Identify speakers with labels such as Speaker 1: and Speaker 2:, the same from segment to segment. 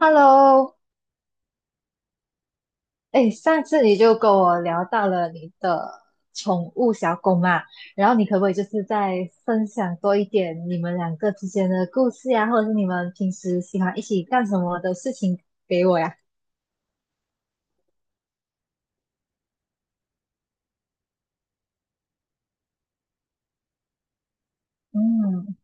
Speaker 1: Hello，哎，上次你就跟我聊到了你的宠物小狗嘛，然后你可不可以就是再分享多一点你们两个之间的故事呀，或者是你们平时喜欢一起干什么的事情给我呀？嗯，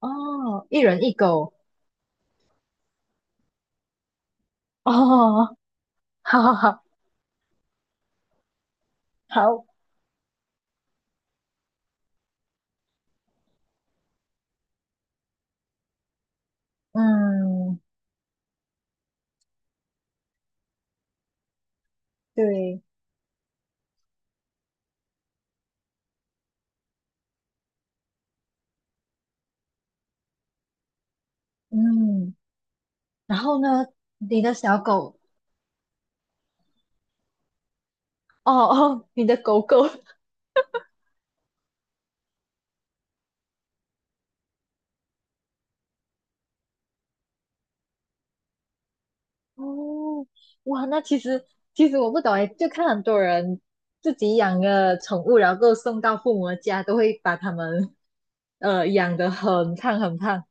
Speaker 1: 哦，一人一狗，哦，好好好，好，嗯，对，嗯，然后呢，你的小狗，哦哦，你的狗狗，哦，哇，那其实我不懂哎，就看很多人自己养个宠物，然后送到父母的家，都会把它们养得很胖很胖。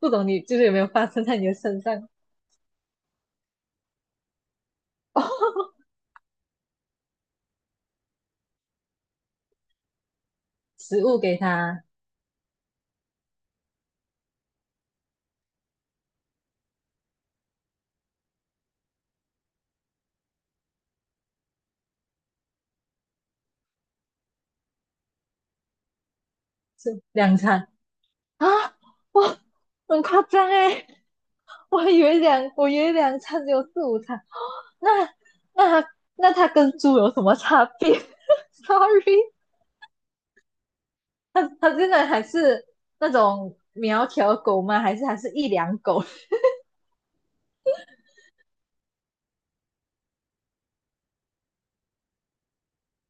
Speaker 1: 不懂你就是有没有发生在你的身上？哦，食物给它吃两餐啊，哇，很夸张哎，我以为两餐只有四五餐，那那它那它跟猪有什么差别 ？Sorry，他真的还是那种苗条狗吗？还是一两狗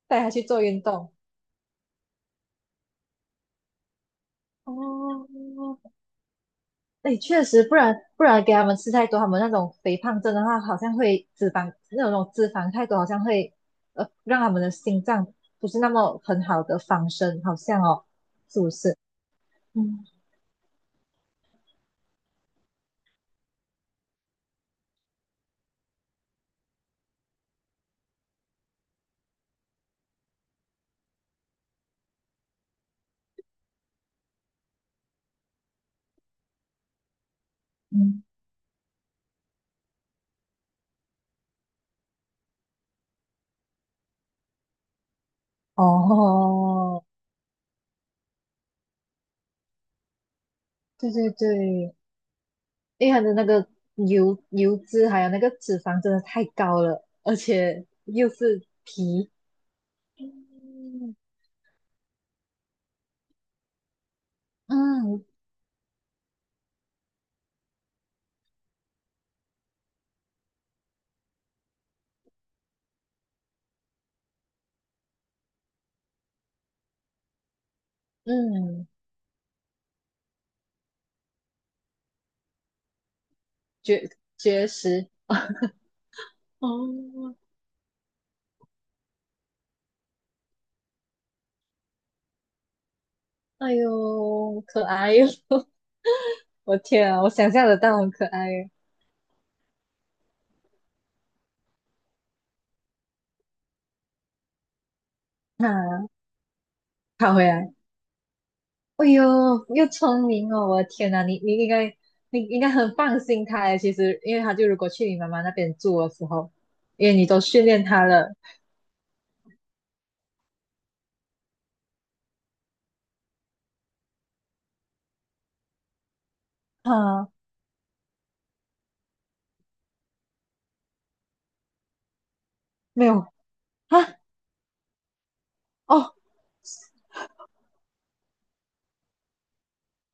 Speaker 1: 带它去做运动？哦，哎，确实，不然给他们吃太多，他们那种肥胖症的话，好像会脂肪那种脂肪太多，好像会让他们的心脏不是那么很好的防身，好像哦，是不是？嗯嗯，哦，对对对，因为它的那个油脂还有那个脂肪真的太高了，而且又是皮，嗯嗯嗯，绝绝食哦，哎呦，可爱哟！我天啊，我想象得到很可爱耶。啊，跑回来，哎呦，又聪明哦！我的天呐，你应该很放心他耶。其实，因为他就如果去你妈妈那边住的时候，因为你都训练他了啊，没有啊哦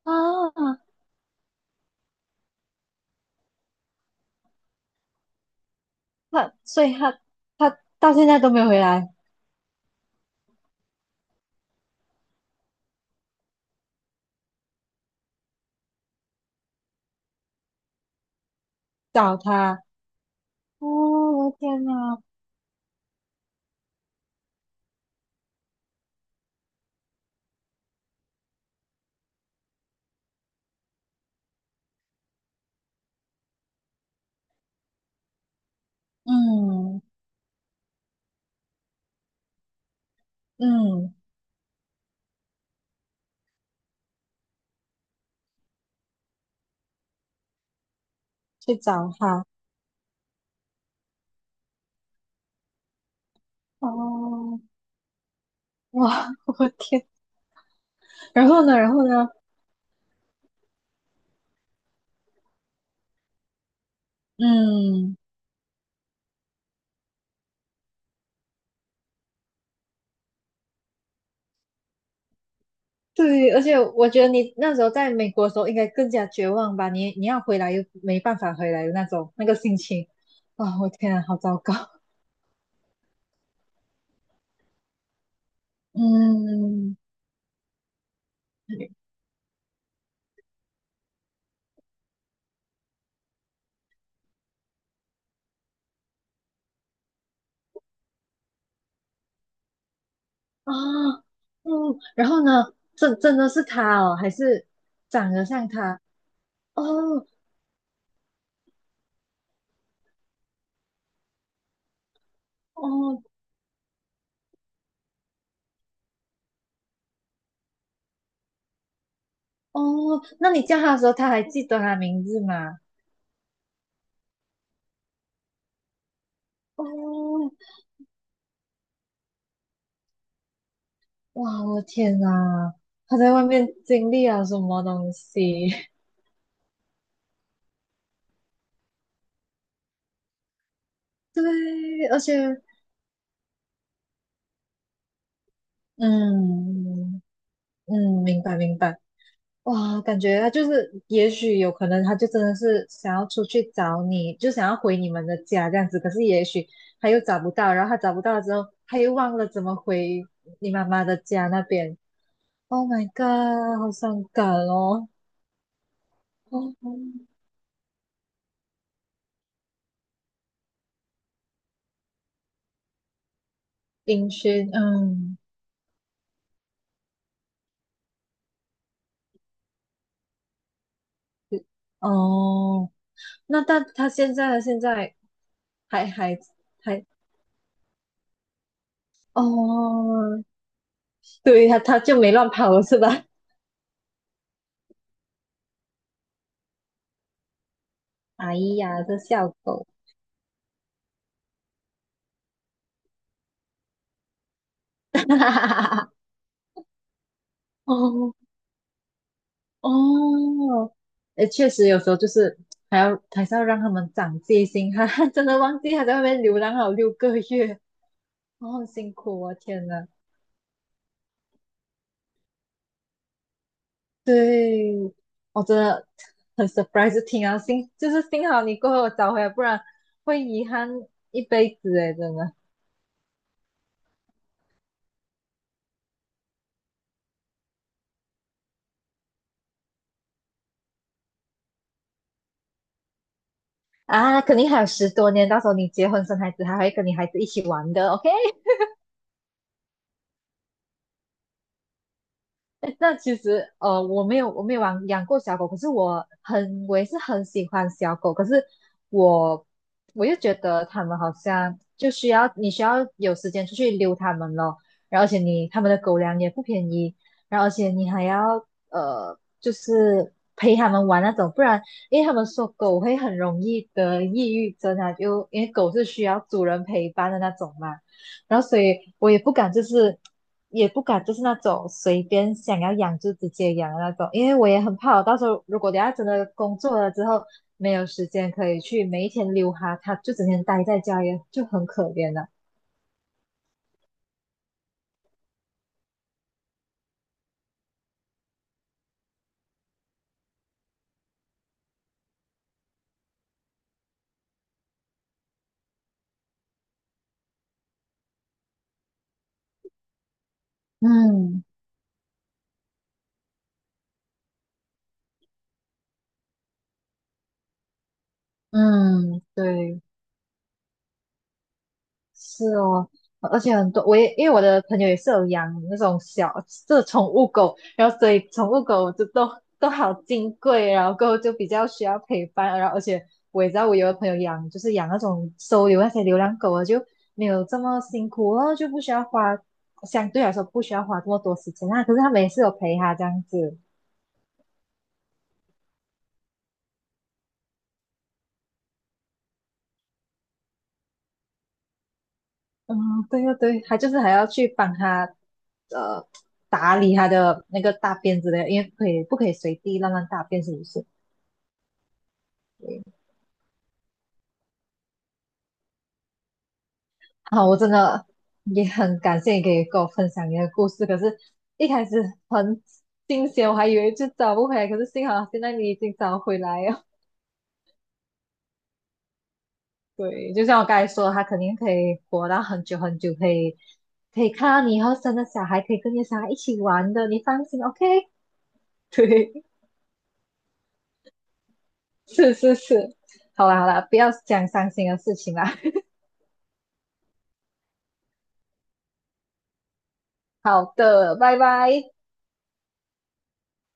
Speaker 1: 啊，他所以他他到现在都没有回来找他。哦，我的天呐！嗯嗯，去找他。哦，哇，我天！然后呢，然后呢？嗯，对，而且我觉得你那时候在美国的时候应该更加绝望吧？你要回来又没办法回来的那种那个心情啊！我天啊，好糟糕。嗯啊嗯，然后呢？真的是他哦，还是长得像他？哦哦哦，那你叫他的时候，他还记得他名字吗？哦哇，我的天呐，他在外面经历了什么东西？对，而且，嗯嗯，明白明白。哇，感觉他就是，也许有可能他就真的是想要出去找你，就想要回你们的家这样子。可是也许他又找不到，然后他找不到了之后，他又忘了怎么回你妈妈的家那边。Oh my god，好伤感哦。哦，音讯，嗯，哦。那但他现在他现在还还还哦，对他他就没乱跑了是吧？哎呀，这小狗，哈哈哈哦哦，诶，确实有时候就是还是要让他们长戒心，哈哈，真的忘记他在外面流浪好6个月，哦，很辛苦啊，天呐，对，我真的很 surprise，听啊，幸就是幸好你过后我找回来，不然会遗憾一辈子诶，真的。啊，肯定还有10多年，到时候你结婚生孩子，还会跟你孩子一起玩的，OK？那其实，我没有养过小狗，可是我也是很喜欢小狗，可是我我又觉得它们好像就需要你需要有时间出去溜它们咯，然后而且你它们的狗粮也不便宜，然后而且你还要就是陪它们玩那种，不然因为他们说狗会很容易得抑郁症啊，就因为狗是需要主人陪伴的那种嘛。然后所以我也不敢就是也不敢就是那种随便想要养就直接养的那种，因为我也很怕我到时候如果等下真的工作了之后没有时间可以去每一天溜哈，它就整天待在家也就很可怜了。嗯嗯，对。是哦，而且很多，因为我的朋友也是有养那种小，这是宠物狗，然后所以宠物狗就都好金贵，然后过后就比较需要陪伴，然后而且我也知道我有的朋友养就是养那种收留那些流浪狗啊，就没有这么辛苦然后就不需要花，相对来说不需要花这么多时间啊，可是他每次有陪他这样子，嗯，对对对，他就是还要去帮他呃。打理他的那个大便之类的，因为不可以随地乱乱大便，是不是？好，我真的也很感谢你可以跟我分享你的故事。可是，一开始很惊险，我还以为就找不回来，可是幸好现在你已经找回来了。对，就像我刚才说的，他肯定可以活到很久很久，可以看到你以后生的小孩，可以跟你的小孩一起玩的，你放心，OK？对，是是是，好啦好啦，不要讲伤心的事情啦。好的，拜拜。